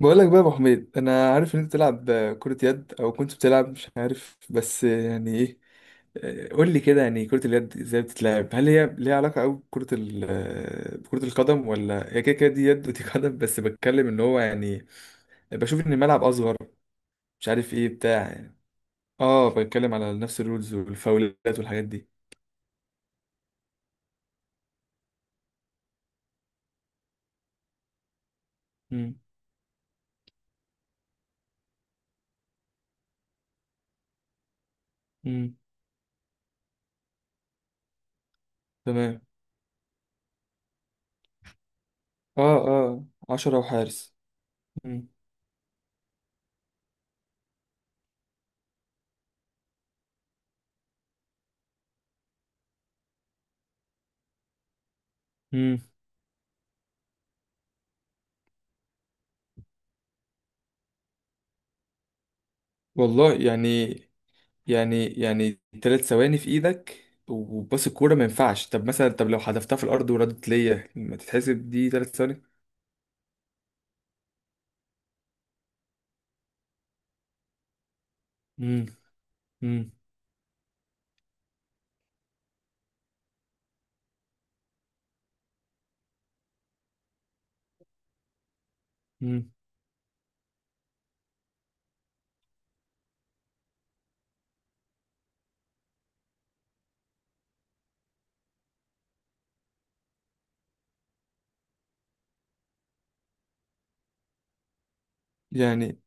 بقول لك بقى يا ابو حميد، انا عارف ان انت بتلعب كرة يد او كنت بتلعب، مش عارف بس يعني ايه. قول لي كده، يعني كرة اليد ازاي بتتلعب؟ هل هي ليها علاقة قوي بكرة ال آه، بكرة القدم؟ ولا هي كده كده، دي يد ودي قدم؟ بس بتكلم ان هو يعني بشوف ان الملعب اصغر، مش عارف ايه بتاع يعني. اه، بتكلم على نفس الرولز والفاولات والحاجات دي. امم. امم. تمام. اه اه. 10 وحارس. امم. امم. والله يعني، يعني 3 ثواني في ايدك وباص الكوره، ما ينفعش. طب مثلا، طب لو حذفتها في الارض وردت ليا، ما تتحسب دي 3 ثواني؟ امم. امم. امم. يعني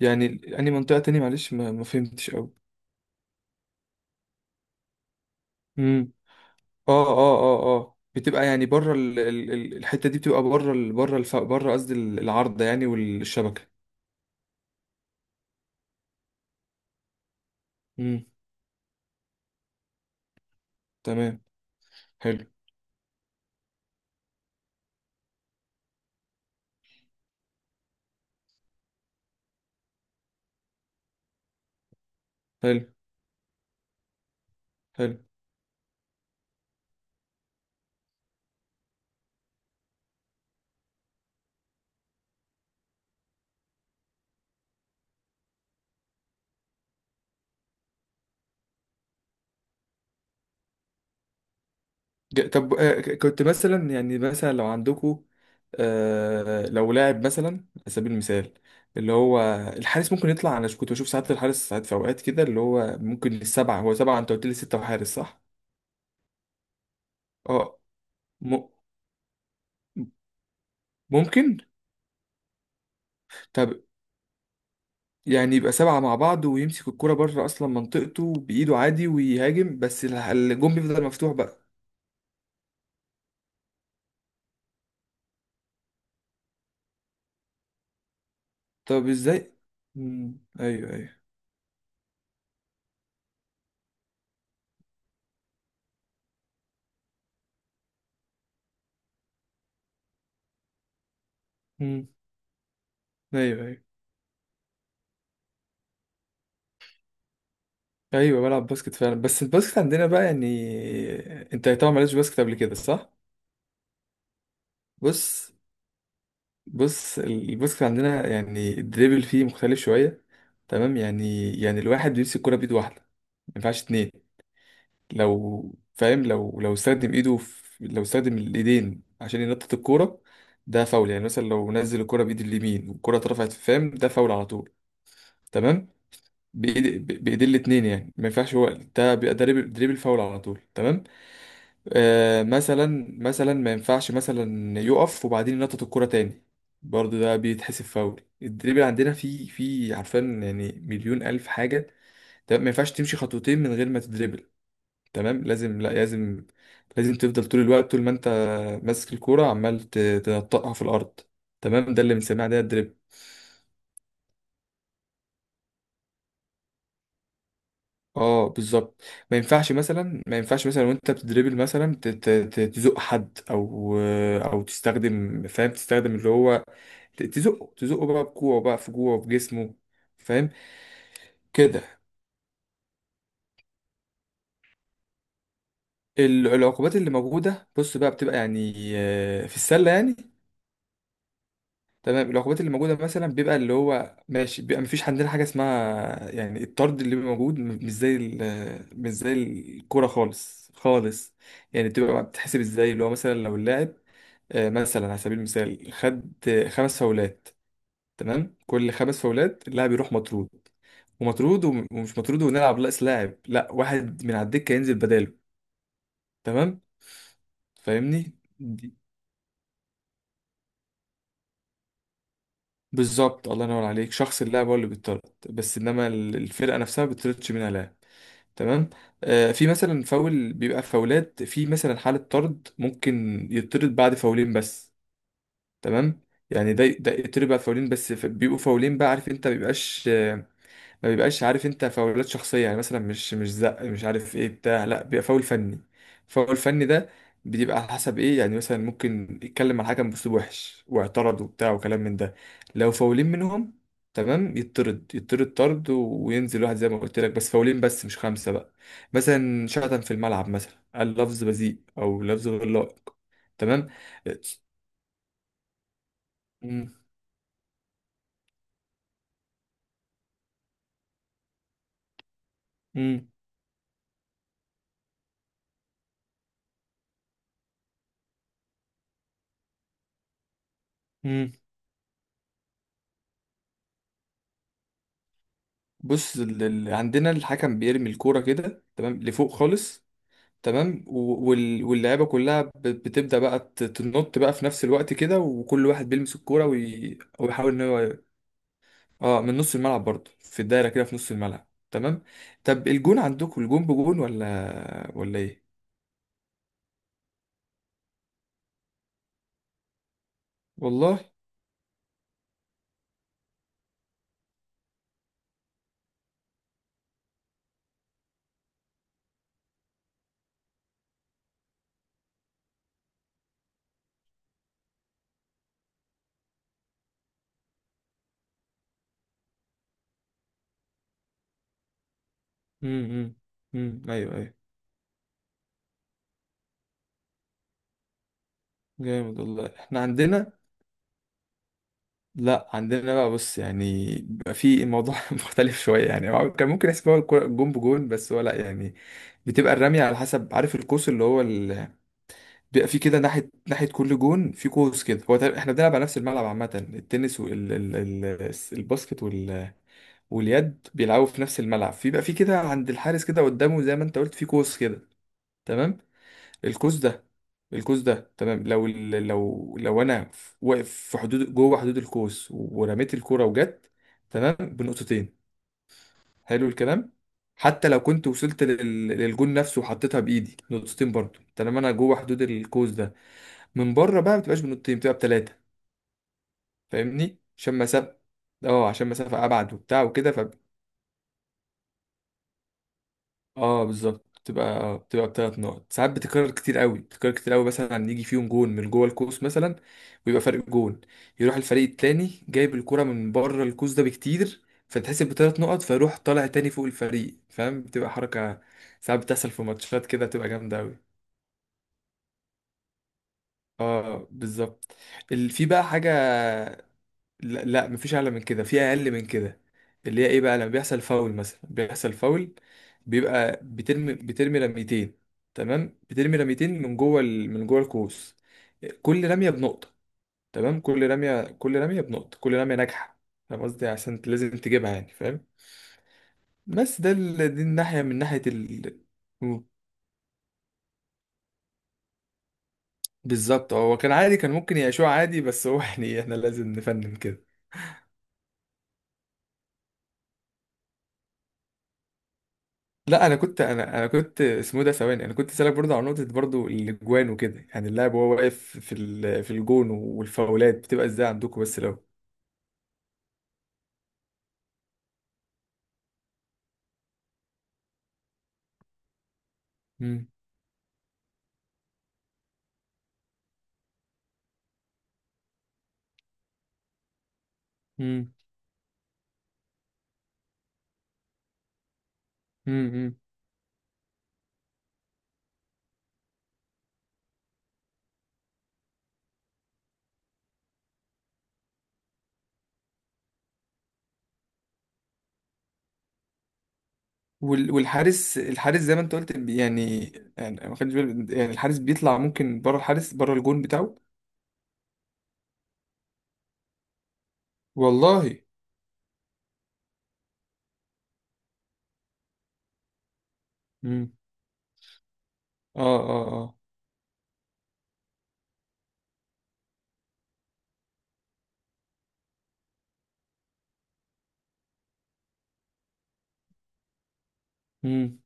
يعني اني منطقه تاني؟ معلش، ما فهمتش قوي. امم. اه اه اه اه، بتبقى يعني بره الحته دي بتبقى بره قصدي العارضه يعني والشبكه. امم. تمام. حلو. حلو. حلو. طب كنت مثلا، يعني مثلا لو عندكوا، آه، لو لاعب مثلا، على سبيل المثال، اللي هو الحارس ممكن يطلع. انا كنت بشوف ساعات الحارس، ساعات في اوقات كده اللي هو ممكن السبعه، هو سبعه انت قلت لي، سته وحارس صح؟ اه. م... ممكن. طب يعني يبقى سبعه مع بعض ويمسك الكرة بره اصلا منطقته بايده عادي ويهاجم، بس الجون بيفضل مفتوح بقى. طب ازاي؟ مم. ايوه ايوه. مم. ايوه ايوه. ايوه بلعب باسكت فعلا، بس الباسكت عندنا بقى يعني، انت طبعا مالكش باسكت قبل كده صح؟ بص. بص الباسكت عندنا يعني الدريبل فيه مختلف شويه. تمام، يعني الواحد بيمسك الكرة بايد واحده، ما ينفعش اتنين. لو فاهم، لو استخدم ايده في، لو استخدم الايدين عشان ينطط الكوره ده فاول. يعني مثلا لو نزل الكرة بايد اليمين والكرة اترفعت، فاهم، ده فاول على طول. تمام. بايد بايدين الاتنين، يعني ما ينفعش هو، ده بيبقى دريبل، فاول على طول. تمام. آه، مثلا، مثلا ما ينفعش مثلا يقف وبعدين ينطط الكرة تاني، برضه ده بيتحسب فاول. الدريبل عندنا في في عارفين يعني مليون ألف حاجة. تمام، ما ينفعش تمشي خطوتين من غير ما تدريبل. تمام، لازم، لا لازم، لازم تفضل طول الوقت، طول ما انت ماسك الكورة عمال تنطقها في الأرض. تمام، ده اللي بنسميها ده الدريبل. اه بالظبط. ما ينفعش مثلا، ما ينفعش مثلا وانت بتدريبل مثلا تزق حد، او او تستخدم، فاهم، تستخدم اللي هو، تزقه، تزقه بقى بكوعه بقى في جوعه بجسمه. فاهم كده. العقوبات اللي موجودة، بص بقى، بتبقى يعني آه، في السلة يعني، تمام، العقوبات اللي موجودة مثلا بيبقى اللي هو ماشي، بيبقى مفيش عندنا حاجة اسمها يعني الطرد اللي بيبقى موجود، مش زي مش زي الكورة خالص خالص. يعني بتبقى بتتحسب ازاي اللي هو مثلا، لو اللاعب آه، مثلا على سبيل المثال خد آه، خمس فاولات، تمام، كل خمس فاولات اللاعب يروح مطرود. ومطرود ومش مطرود، ونلعب ناقص لاعب، لا، واحد من على الدكه ينزل بداله. تمام. فاهمني. دي- بالظبط، الله ينور عليك، شخص اللاعب هو اللي بيطرد، بس انما الفرقه نفسها ما بتطردش منها لاعب. تمام. آه في مثلا فاول بيبقى فاولات، في مثلا حاله طرد ممكن يطرد بعد فاولين بس. تمام. يعني ده يطرد بعد فاولين بس، بيبقوا فاولين بقى، عارف انت، ما بيبقاش، ما بيبقاش عارف انت فاولات شخصيه يعني، مثلا مش زق مش عارف ايه بتاع، لا بيبقى فاول فني. فاول فني ده بيبقى على حسب ايه، يعني مثلا ممكن يتكلم مع الحكم باسلوب وحش واعترض وبتاع وكلام من ده، لو فاولين منهم تمام يطرد، يطرد طرد وينزل واحد زي ما قلت لك، بس فاولين بس مش خمسه بقى. مثلا شتم في الملعب، مثلا قال لفظ بذيء او لفظ غير لائق. تمام. مم. مم. مم. بص، عندنا الحكم بيرمي الكوره كده تمام لفوق خالص. تمام، واللعيبه كلها بتبدا بقى تنط بقى في نفس الوقت كده، وكل واحد بيلمس الكوره ويحاول ان هو، اه، من نص الملعب برضه، في الدايره كده في نص الملعب تمام. طب الجون عندكم الجون بجون ولا ولا ايه؟ والله. امم. امم. إمم. ايوه ايوه. جامد والله. احنا عندنا، لا عندنا بقى بص، يعني بيبقى في الموضوع مختلف شويه، يعني هو كان ممكن يحسب هو الجون بجون، بس هو لا يعني، بتبقى الرمية على حسب عارف القوس، اللي هو بيبقى في كده ناحية ناحية، كل جون في قوس كده. هو احنا بنلعب على نفس الملعب عامة، التنس والباسكت واليد بيلعبوا في نفس الملعب، في بقى في كده عند الحارس كده قدامه، زي ما انت قلت في قوس كده. تمام. القوس ده، القوس ده تمام، لو ال... لو لو انا واقف في حدود جوه حدود القوس ورميت الكرة وجت، تمام بنقطتين. حلو الكلام. حتى لو كنت وصلت للجون نفسه وحطيتها بإيدي نقطتين برضه، طالما انا جوه حدود القوس ده. من بره بقى ما بتبقاش بنقطتين، بتبقى بتلاتة. فاهمني، عشان مسافة، اه عشان مسافة أبعد وبتاع وكده، ف، اه بالظبط، بتبقى اه بتبقى بتلات نقط، ساعات بتكرر كتير قوي، بتكرر كتير قوي مثلا يجي فيهم جون من جوه القوس مثلا، ويبقى فرق جون، يروح الفريق التاني جايب الكرة من بره القوس ده بكتير، فتحسب بتلات نقط، فيروح طالع تاني فوق الفريق، فاهم بتبقى حركة. ساعات بتحصل في ماتشات كده، بتبقى جامدة قوي. اه بالظبط. في بقى حاجة، لا, لا مفيش اعلى من كده، في اقل من كده. اللي هي ايه بقى لما بيحصل فاول مثلا، بيحصل فاول، بيبقى بترمي، بترمي رميتين، تمام، بترمي رميتين من جوه من جوه القوس. كل رميه بنقطه، تمام، كل رميه، كل رميه بنقطه، كل رميه ناجحه. فاهم قصدي، عشان لازم تجيبها يعني، فاهم. بس ده دي الناحيه من ناحيه بالظبط، هو كان عادي، كان ممكن يعيشوه عادي بس هو يعني احنا لازم نفنن كده. لا انا كنت، انا كنت اسمه ده ثواني، انا كنت سالك برضه على نقطه برضه، الاجوان وكده يعني، اللاعب وهو واقف في في الجون، والفاولات بتبقى ازاي عندكم، بس لو. امم. امم. امم. والحارس، الحارس زي ما انت قلت يعني، يعني أنا ما خدتش بالي يعني الحارس بيطلع ممكن بره، الحارس بره الجون بتاعه. والله. امم. اه اه اه. مم.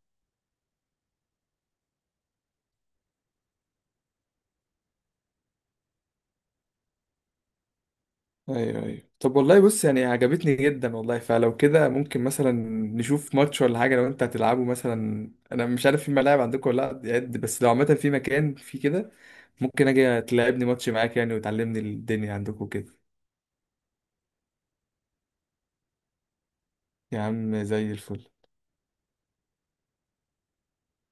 ايوه ايوه. طب والله بص، يعني عجبتني جدا والله. فلو كده ممكن مثلا نشوف ماتش ولا حاجه، لو انت هتلعبه مثلا، انا مش عارف في ملاعب عندكم ولا لا يعني، بس لو عامه في مكان في كده ممكن اجي تلعبني ماتش معاك يعني وتعلمني الدنيا عندكم كده. يا عم زي الفل.